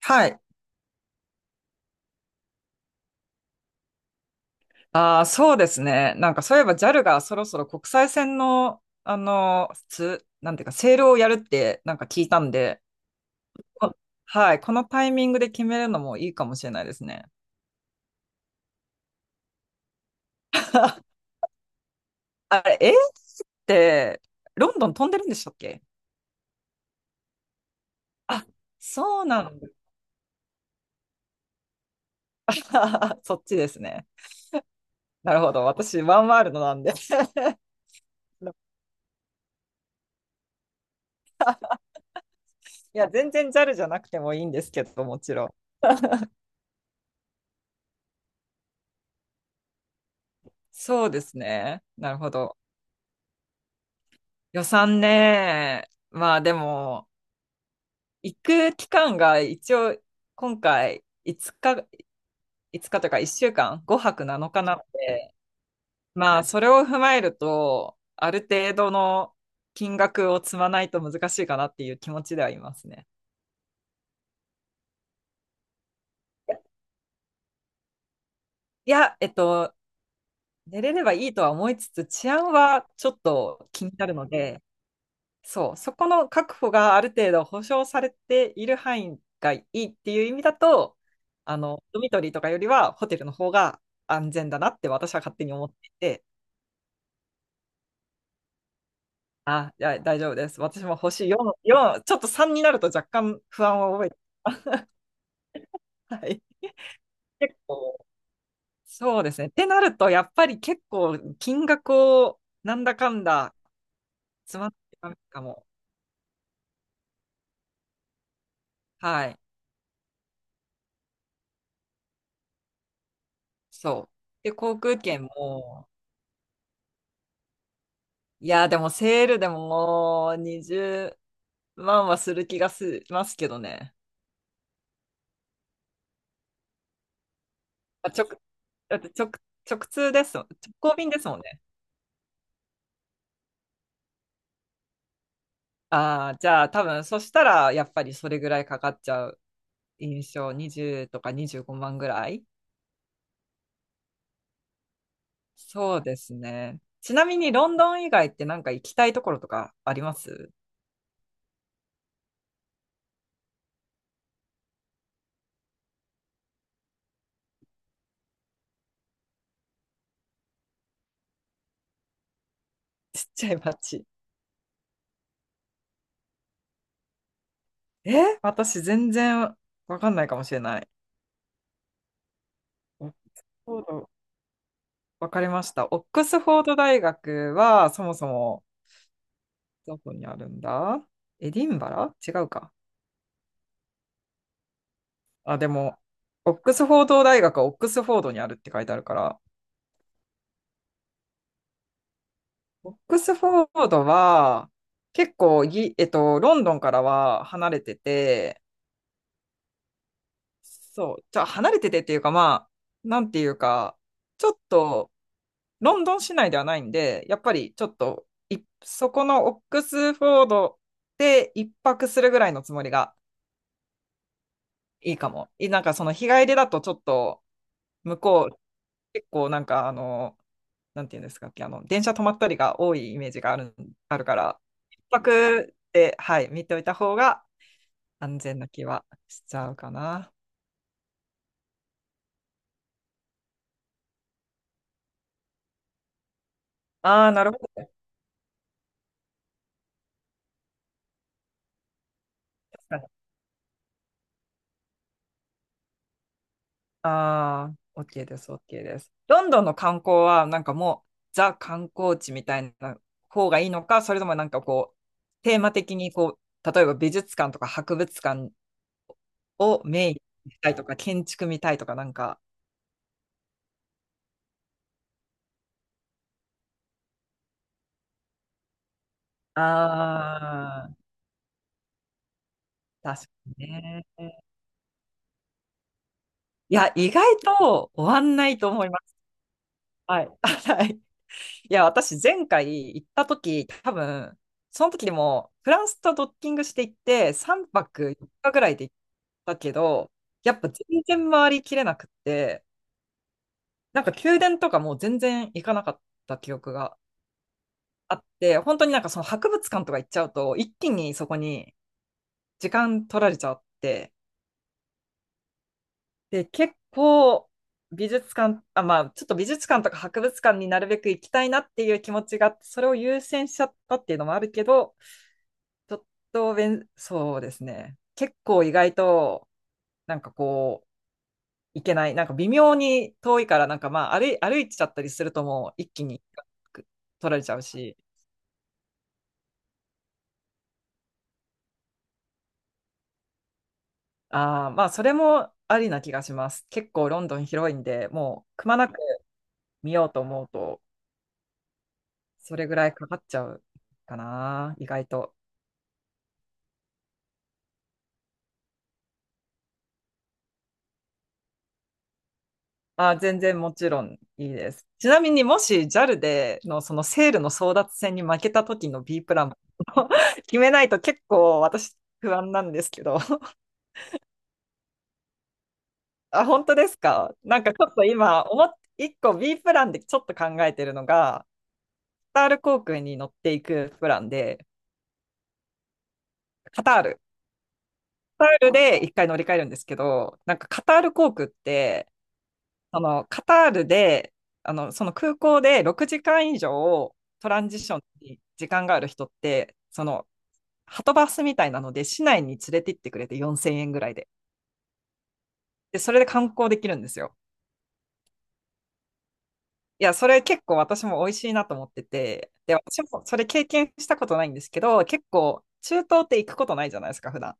はい。ああ、そうですね。なんかそういえば JAL がそろそろ国際線の、なんていうか、セールをやるってなんか聞いたんで、あ、はい。このタイミングで決めるのもいいかもしれないですね。あれ、イーって、ロンドン飛んでるんでしたっけ。あ、そうなんだ。そっちですね。なるほど。私、ワンワールドなんで。いや、全然 JAL じゃなくてもいいんですけど、もちろん。そうですね。なるほど。予算ね。まあでも、行く期間が一応今回5日、5日というか1週間、5泊7日なので、まあそれを踏まえると、ある程度の金額を積まないと難しいかなっていう気持ちではいますね。いや、寝れればいいとは思いつつ、治安はちょっと気になるので、そう、そこの確保がある程度保障されている範囲がいいっていう意味だと、ドミトリーとかよりはホテルの方が安全だなって私は勝手に思っていて、あ、いや大丈夫です。私も星4、4、ちょっと3になると若干不安を覚えて、はい。結構、そうですね。ってなると、やっぱり結構金額をなんだかんだ詰まってたかも。はい。そう。で、航空券も、いや、でもセールでももうまあまあする気がしますけどね。あ、だって直通ですもん。直行便ですもんね。ああ、じゃあ多分そしたらやっぱりそれぐらいかかっちゃう印象。20とか25万ぐらい。そうですね。ちなみにロンドン以外ってなんか行きたいところとかあります？ ちっちゃい街。え、私全然わかんないかもしれない。オックスフォード、わかりました。オックスフォード大学はそもそもどこにあるんだ。エディンバラ違うか。あ、でも、オックスフォード大学はオックスフォードにあるって書いてあるから、オックスフォードは結構ぎ、えっと、ロンドンからは離れてて、そう、じゃあ離れててっていうか、まあ、なんていうか、ちょっとロンドン市内ではないんで、やっぱりちょっとそこのオックスフォードで一泊するぐらいのつもりがいいかも。なんかその日帰りだとちょっと、向こう、結構なんか、なんていうんですかっけ、電車止まったりが多いイメージがある、あるから、一泊で、はい、見ておいた方が安全な気はしちゃうかな。ああ、なるほど。ああ、OK です、OK です。ロンドンの観光は、なんかもう、ザ観光地みたいな方がいいのか、それともなんかこう、テーマ的にこう、例えば美術館とか博物館をメインにしたいとか、建築見たいとか、なんか、ああ、確かにね。いや、意外と終わんないと思います。はい。はい。いや、私、前回行った時、多分、その時でも、フランスとドッキングして行って、3泊4日ぐらいで行ったけど、やっぱ全然回りきれなくって、なんか宮殿とかもう全然行かなかった記憶があって、本当になんかその博物館とか行っちゃうと、一気にそこに時間取られちゃって、で、結構美術館、あ、まあ、ちょっと美術館とか博物館になるべく行きたいなっていう気持ちがあって、それを優先しちゃったっていうのもあるけど、ちょっとそうですね。結構意外と、なんかこう、行けない。なんか微妙に遠いから、なんかまあ歩いちゃったりするともう一気に取られちゃうし、あーまあ、それもありな気がします。結構ロンドン広いんで、もうくまなく見ようと思うと、それぐらいかかっちゃうかな、意外と。あ、全然もちろんいいです。ちなみにもし JAL でのそのセールの争奪戦に負けた時の B プランも 決めないと結構私不安なんですけど。あ、本当ですか。なんかちょっと今思っ、一個 B プランでちょっと考えてるのが、カタール航空に乗っていくプランで、カタール。カタールで一回乗り換えるんですけど、なんかカタール航空ってそのカタールで、その空港で6時間以上トランジションに時間がある人って、そのハトバスみたいなので市内に連れて行ってくれて4000円ぐらいで。で、それで観光できるんですよ。いや、それ結構私も美味しいなと思ってて、で、私もそれ経験したことないんですけど、結構中東って行くことないじゃないですか、普段。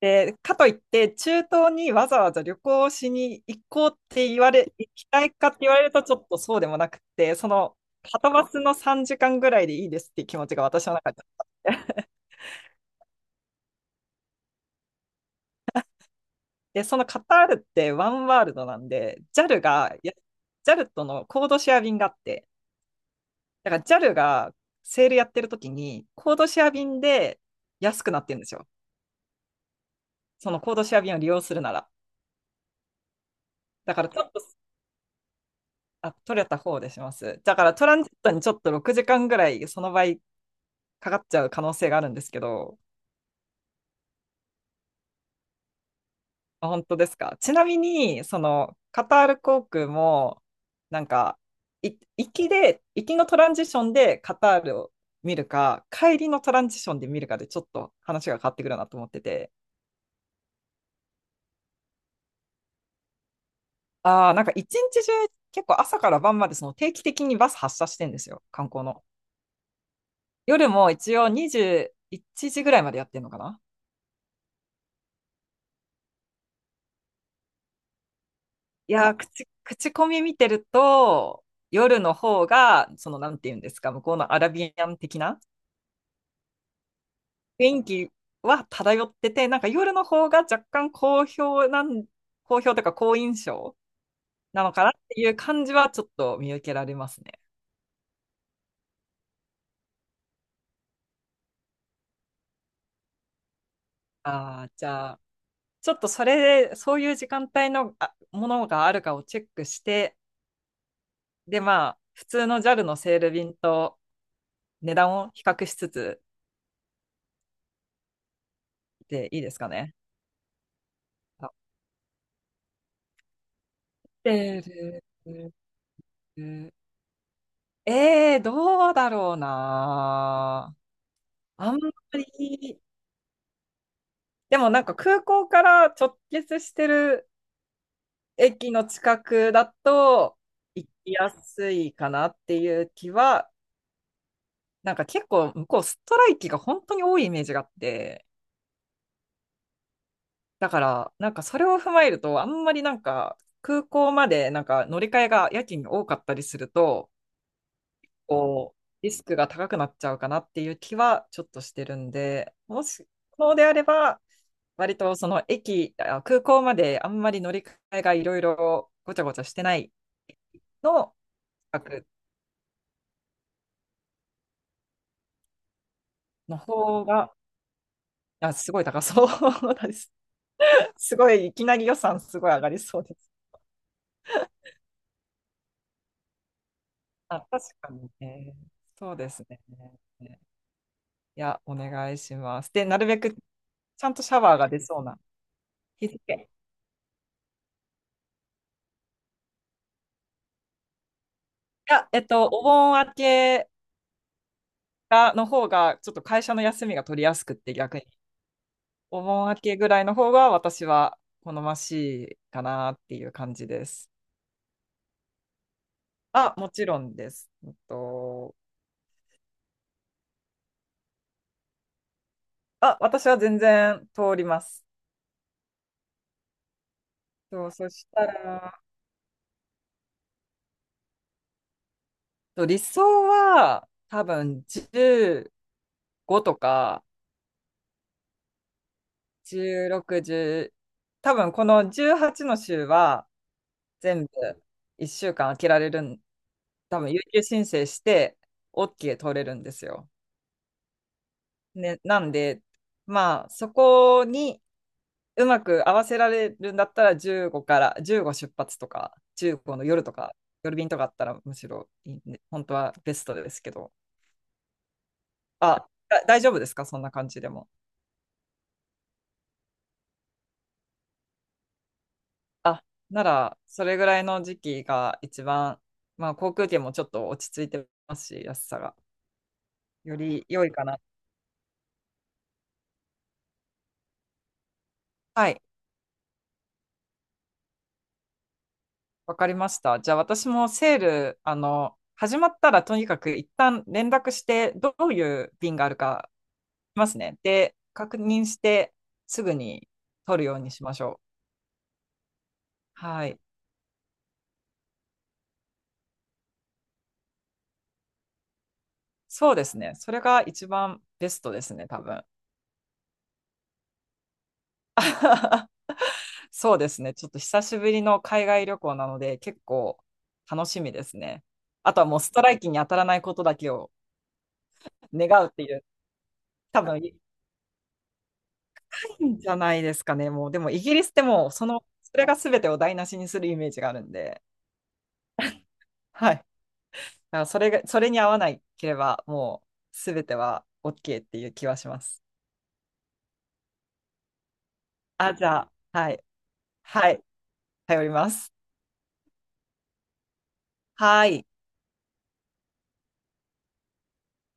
で、かといって、中東にわざわざ旅行しに行こうって言われ、行きたいかって言われると、ちょっとそうでもなくて、その、はとバスの3時間ぐらいでいいですっていう気持ちが私の中であって。で、そのカタールってワンワールドなんで、JAL が、JA とのコードシェア便があって、だから JAL がセールやってる時に、コードシェア便で安くなってるんですよ。そのコードシェア便を利用するなら。だからちょっと取れた方でします。だからトランジットにちょっと6時間ぐらいその場合かかっちゃう可能性があるんですけど、あ、本当ですか。ちなみに、そのカタール航空も、なんか、行きで、行きのトランジションでカタールを見るか、帰りのトランジションで見るかでちょっと話が変わってくるなと思ってて、ああ、なんか一日中結構朝から晩までその定期的にバス発車してんですよ、観光の。夜も一応21時ぐらいまでやってんのかな。いやー、口コミ見てると、夜の方が、その、なんていうんですか、向こうのアラビアン的な雰囲気は漂ってて、なんか夜の方が若干好評というか好印象なのかなっていう感じはちょっと見受けられますね。ああ、じゃあ、ちょっとそれで、そういう時間帯のものがあるかをチェックして、で、まあ、普通のジャルのセール便と値段を比較しつつでいいですかね。あセール。どうだろうな。あんまり、でもなんか空港から直結してる駅の近くだと行きやすいかなっていう気は、なんか結構向こうストライキが本当に多いイメージがあって、だからなんかそれを踏まえると、あんまりなんか空港までなんか乗り換えがやけに多かったりすると、こう、リスクが高くなっちゃうかなっていう気はちょっとしてるんで、もし、そうであれば、割とその駅、空港まであんまり乗り換えがいろいろごちゃごちゃしてないの額の方が、あ、すごい高そうです。すごい、いきなり予算すごい上がりそうです。あ、確かにね。そうですね。いや、お願いします。で、なるべくちゃんとシャワーが出そうな日付。いや、お盆明けの方が、ちょっと会社の休みが取りやすくって逆に。お盆明けぐらいの方が私は好ましいかなっていう感じです。あ、もちろんです。あ、私は全然通ります。そう、そしたら、理想は多分15とか16、1多分この18の週は全部1週間空けられるん、多分有給申請して OK 取れるんですよ。ね、なんで、まあそこに、うまく合わせられるんだったら15から15出発とか15の夜とか夜便とかあったらむしろいいんで本当はベストですけど。だ、大丈夫ですかそんな感じでも。あならそれぐらいの時期が一番まあ航空券もちょっと落ち着いてますし安さがより良いかな。はい。わかりました。じゃあ私もセール始まったらとにかく一旦連絡してどういう便があるかますね。で、確認してすぐに取るようにしましょう。はい。そうですね。それが一番ベストですね、多分。そうですね。ちょっと久しぶりの海外旅行なので、結構楽しみですね。あとはもうストライキに当たらないことだけを願うっていう、多分いいんじゃないですかね。もう、でもイギリスってもう、その、それが全てを台無しにするイメージがあるんで、はい。だからそれが、それに合わないければ、もう全ては OK っていう気はします。あ、じゃあ、はい。はい。頼ります。はい。